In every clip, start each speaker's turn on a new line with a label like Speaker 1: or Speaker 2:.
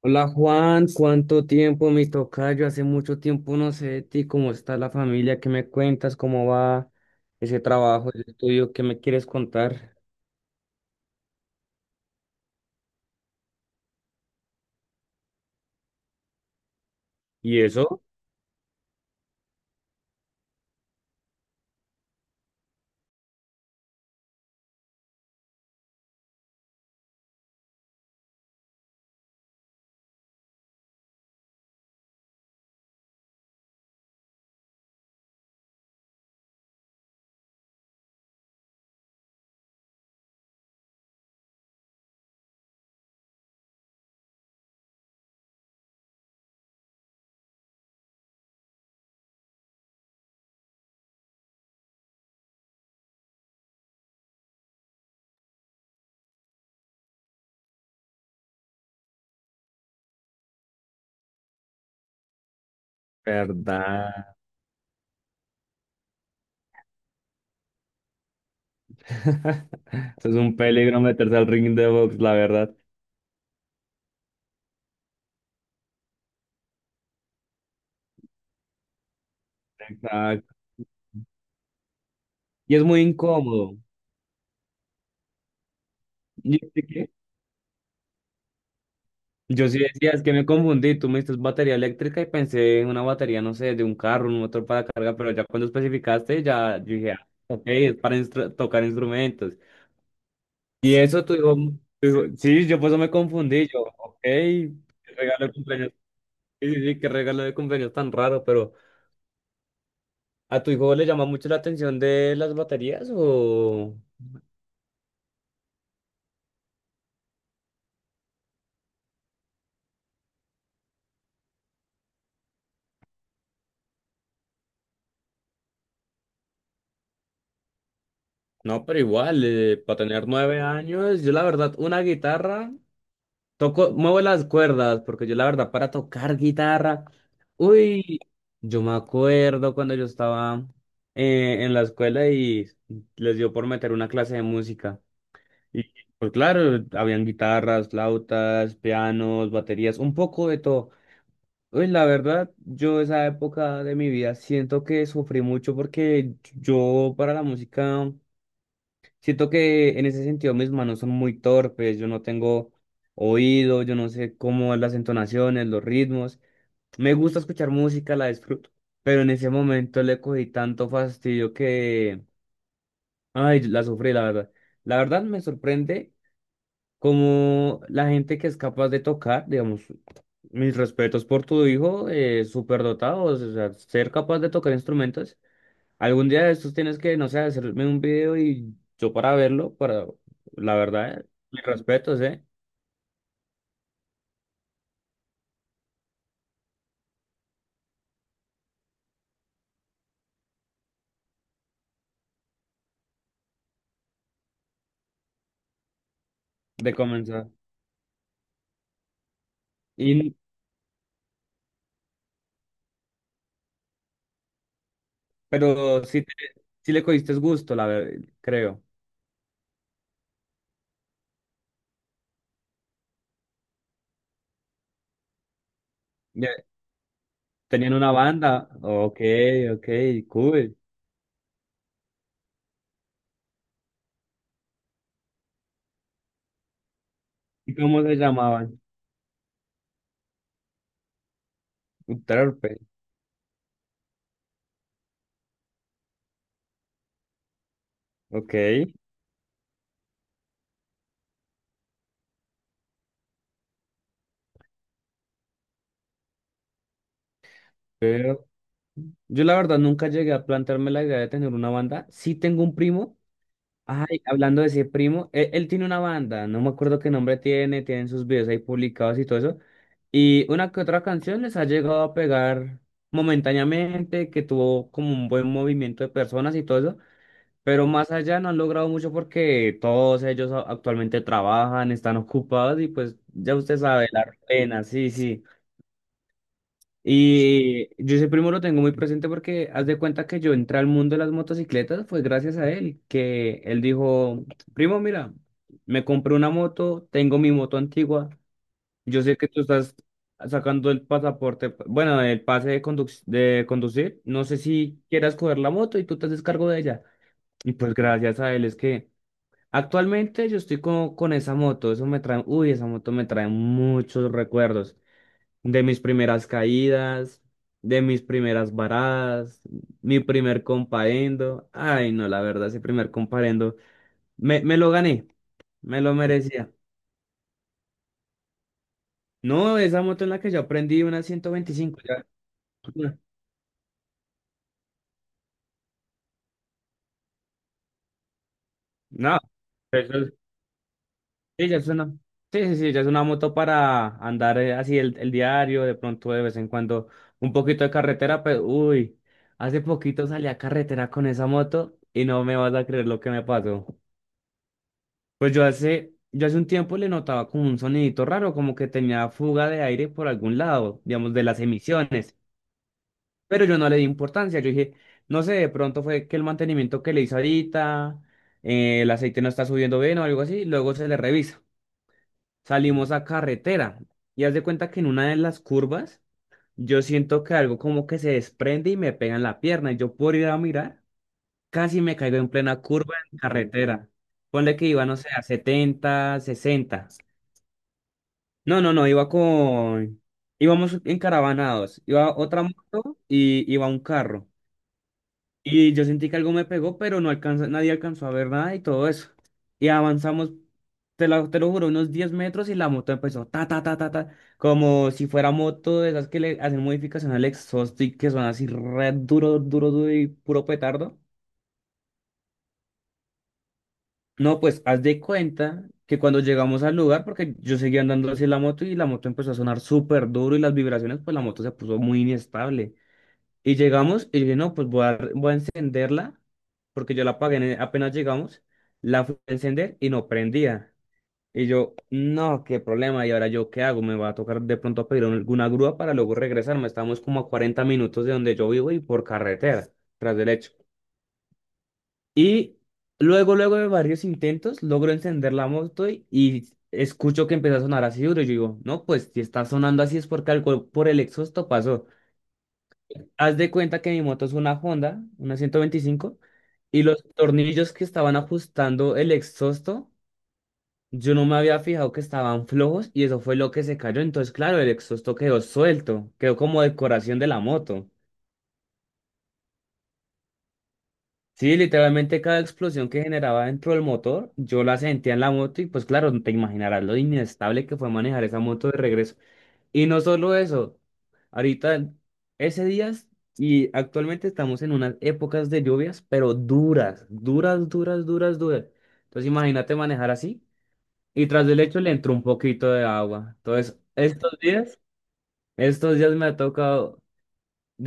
Speaker 1: Hola Juan, ¿cuánto tiempo mi tocayo? Hace mucho tiempo no sé de ti, ¿cómo está la familia? ¿Qué me cuentas? ¿Cómo va ese trabajo, ese estudio? ¿Qué me quieres contar? ¿Y eso? ¿Verdad? Eso es un peligro meterse al ring de box, la verdad. Exacto. Y es muy incómodo. ¿Y este qué? Yo sí decía, es que me confundí. Tú me dices batería eléctrica y pensé en una batería, no sé, de un carro, un motor para carga, pero ya cuando especificaste, ya yo dije, ah, ok, es para tocar instrumentos. Y eso tu hijo, sí, yo por eso me confundí, yo, ok, qué regalo de cumpleaños, sí, sí, sí, qué regalo de cumpleaños tan raro, pero ¿a tu hijo le llama mucho la atención de las baterías o...? No, pero igual, para tener 9 años, yo la verdad, una guitarra, toco, muevo las cuerdas, porque yo la verdad, para tocar guitarra, uy, yo me acuerdo cuando yo estaba en la escuela y les dio por meter una clase de música. Y pues claro, habían guitarras, flautas, pianos, baterías, un poco de todo. Uy, la verdad, yo esa época de mi vida siento que sufrí mucho porque yo para la música siento que en ese sentido mis manos son muy torpes, yo no tengo oído, yo no sé cómo las entonaciones, los ritmos. Me gusta escuchar música, la disfruto, pero en ese momento le cogí tanto fastidio que, ay, la sufrí, la verdad. La verdad me sorprende como la gente que es capaz de tocar, digamos, mis respetos por tu hijo, súper dotado, o sea, ser capaz de tocar instrumentos. Algún día de estos tienes que, no sé, hacerme un video y yo para verlo, para, la verdad, mis respetos, ¿eh? De comenzar. Y, pero sí, sí le cogiste gusto, la verdad, creo. Ya, tenían una banda, ok, ok, cool. ¿Y cómo se llamaban? Un Terpe, ok. Pero yo la verdad nunca llegué a plantearme la idea de tener una banda. Sí tengo un primo. Ay, hablando de ese primo, él tiene una banda, no me acuerdo qué nombre tiene, tienen sus videos ahí publicados y todo eso. Y una que otra canción les ha llegado a pegar momentáneamente, que tuvo como un buen movimiento de personas y todo eso, pero más allá no han logrado mucho porque todos ellos actualmente trabajan, están ocupados y pues ya usted sabe, la pena, sí, sí. Y yo ese primo lo tengo muy presente porque haz de cuenta que yo entré al mundo de las motocicletas fue gracias a él, que él dijo, primo, mira, me compré una moto, tengo mi moto antigua, yo sé que tú estás sacando el pasaporte, bueno, el pase de, de conducir, no sé si quieras coger la moto y tú te haces cargo de ella. Y pues gracias a él es que actualmente yo estoy con esa moto, eso me trae, uy, esa moto me trae muchos recuerdos de mis primeras caídas, de mis primeras varadas, mi primer comparendo. Ay, no, la verdad, ese primer comparendo me lo gané, me lo merecía. No, esa moto en la que yo aprendí una 125, ya. No, no, eso es- sí, ya es una, sí, sí, sí, ya es una moto para andar así el diario, de pronto de vez en cuando un poquito de carretera, pero uy, hace poquito salí a carretera con esa moto y no me vas a creer lo que me pasó. Pues yo hace un tiempo le notaba como un sonidito raro, como que tenía fuga de aire por algún lado, digamos, de las emisiones, pero yo no le di importancia, yo dije, no sé, de pronto fue que el mantenimiento que le hizo ahorita, el aceite no está subiendo bien o algo así, luego se le revisa. Salimos a carretera y haz de cuenta que en una de las curvas yo siento que algo como que se desprende y me pega en la pierna y yo por ir a mirar casi me caigo en plena curva en carretera. Ponle que iba, no sé, a 70, 60. No, no, no, iba con... Íbamos encaravanados. Iba otra moto y iba un carro. Y yo sentí que algo me pegó, pero no alcanza, nadie alcanzó a ver nada y todo eso. Y avanzamos, te lo juro, unos 10 metros y la moto empezó ta, ta, ta, ta, ta, como si fuera moto de esas que le hacen modificación al exhaust y que son así re duro, duro, duro y puro petardo. No, pues haz de cuenta que cuando llegamos al lugar, porque yo seguía andando hacia la moto y la moto empezó a sonar súper duro y las vibraciones, pues la moto se puso muy inestable. Y llegamos y dije, no, pues voy a encenderla, porque yo la apagué apenas llegamos, la fui a encender y no prendía. Y yo, no, qué problema, ¿y ahora yo qué hago? Me va a tocar de pronto pedir alguna grúa para luego regresarme. Estamos como a 40 minutos de donde yo vivo y por carretera, tras derecho. Y luego de varios intentos, logro encender la moto y escucho que empieza a sonar así duro. Yo digo, no, pues si está sonando así es porque algo por el exhausto pasó. Haz de cuenta que mi moto es una Honda, una 125, y los tornillos que estaban ajustando el exhausto, yo no me había fijado que estaban flojos y eso fue lo que se cayó. Entonces, claro, el exhausto quedó suelto, quedó como decoración de la moto. Sí, literalmente cada explosión que generaba dentro del motor, yo la sentía en la moto y pues claro, te imaginarás lo inestable que fue manejar esa moto de regreso. Y no solo eso, ahorita ese día y actualmente estamos en unas épocas de lluvias, pero duras, duras, duras, duras, duras. Entonces imagínate manejar así y tras del hecho le entró un poquito de agua. Entonces, estos días me ha tocado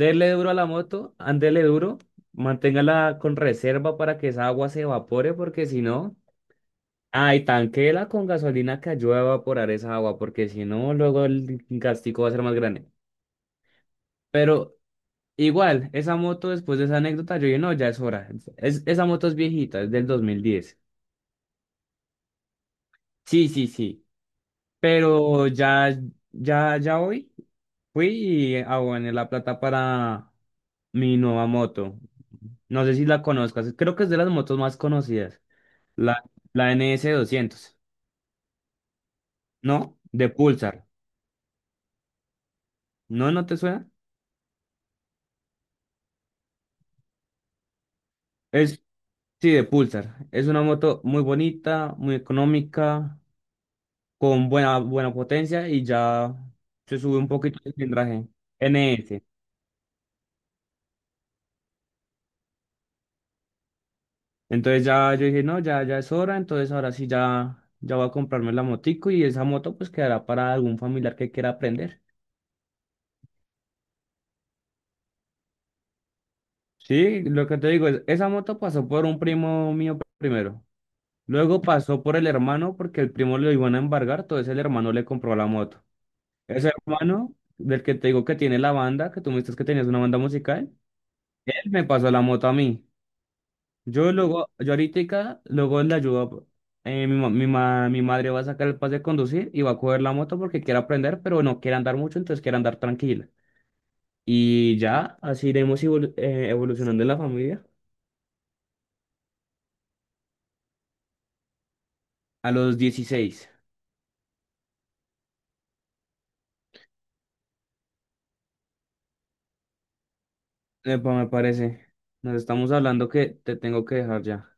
Speaker 1: dele duro a la moto, ándele duro, manténgala con reserva para que esa agua se evapore, porque si no, ay, tanquéla con gasolina que ayude a evaporar esa agua, porque si no, luego el gastico va a ser más grande. Pero igual, esa moto después de esa anécdota, yo dije, no, ya es hora. Esa moto es viejita, es del 2010. Sí, sí, sí. Pero ya, ya, ya hoy fui y aboné la plata para mi nueva moto. No sé si la conozcas, creo que es de las motos más conocidas. La, la N S 200 ¿no? De Pulsar. ¿No, no te suena? Es, sí, de Pulsar. Es una moto muy bonita, muy económica, con buena potencia y ya se sube un poquito el cilindraje. N S entonces ya yo dije, no, ya, ya es hora, entonces ahora sí ya, ya voy a comprarme la motico y esa moto pues quedará para algún familiar que quiera aprender. Sí, lo que te digo es, esa moto pasó por un primo mío primero. Luego pasó por el hermano porque el primo lo iban a embargar, entonces el hermano le compró la moto. Ese hermano, del que te digo que tiene la banda, que tú me dices que tenías una banda musical, él me pasó la moto a mí. Yo luego, yo ahorita, luego le ayudo, mi madre va a sacar el pase de conducir y va a coger la moto porque quiere aprender, pero no quiere andar mucho, entonces quiere andar tranquila. Y ya, así iremos evolucionando en la familia. A los 16, epa, me parece. Nos estamos hablando que te tengo que dejar ya.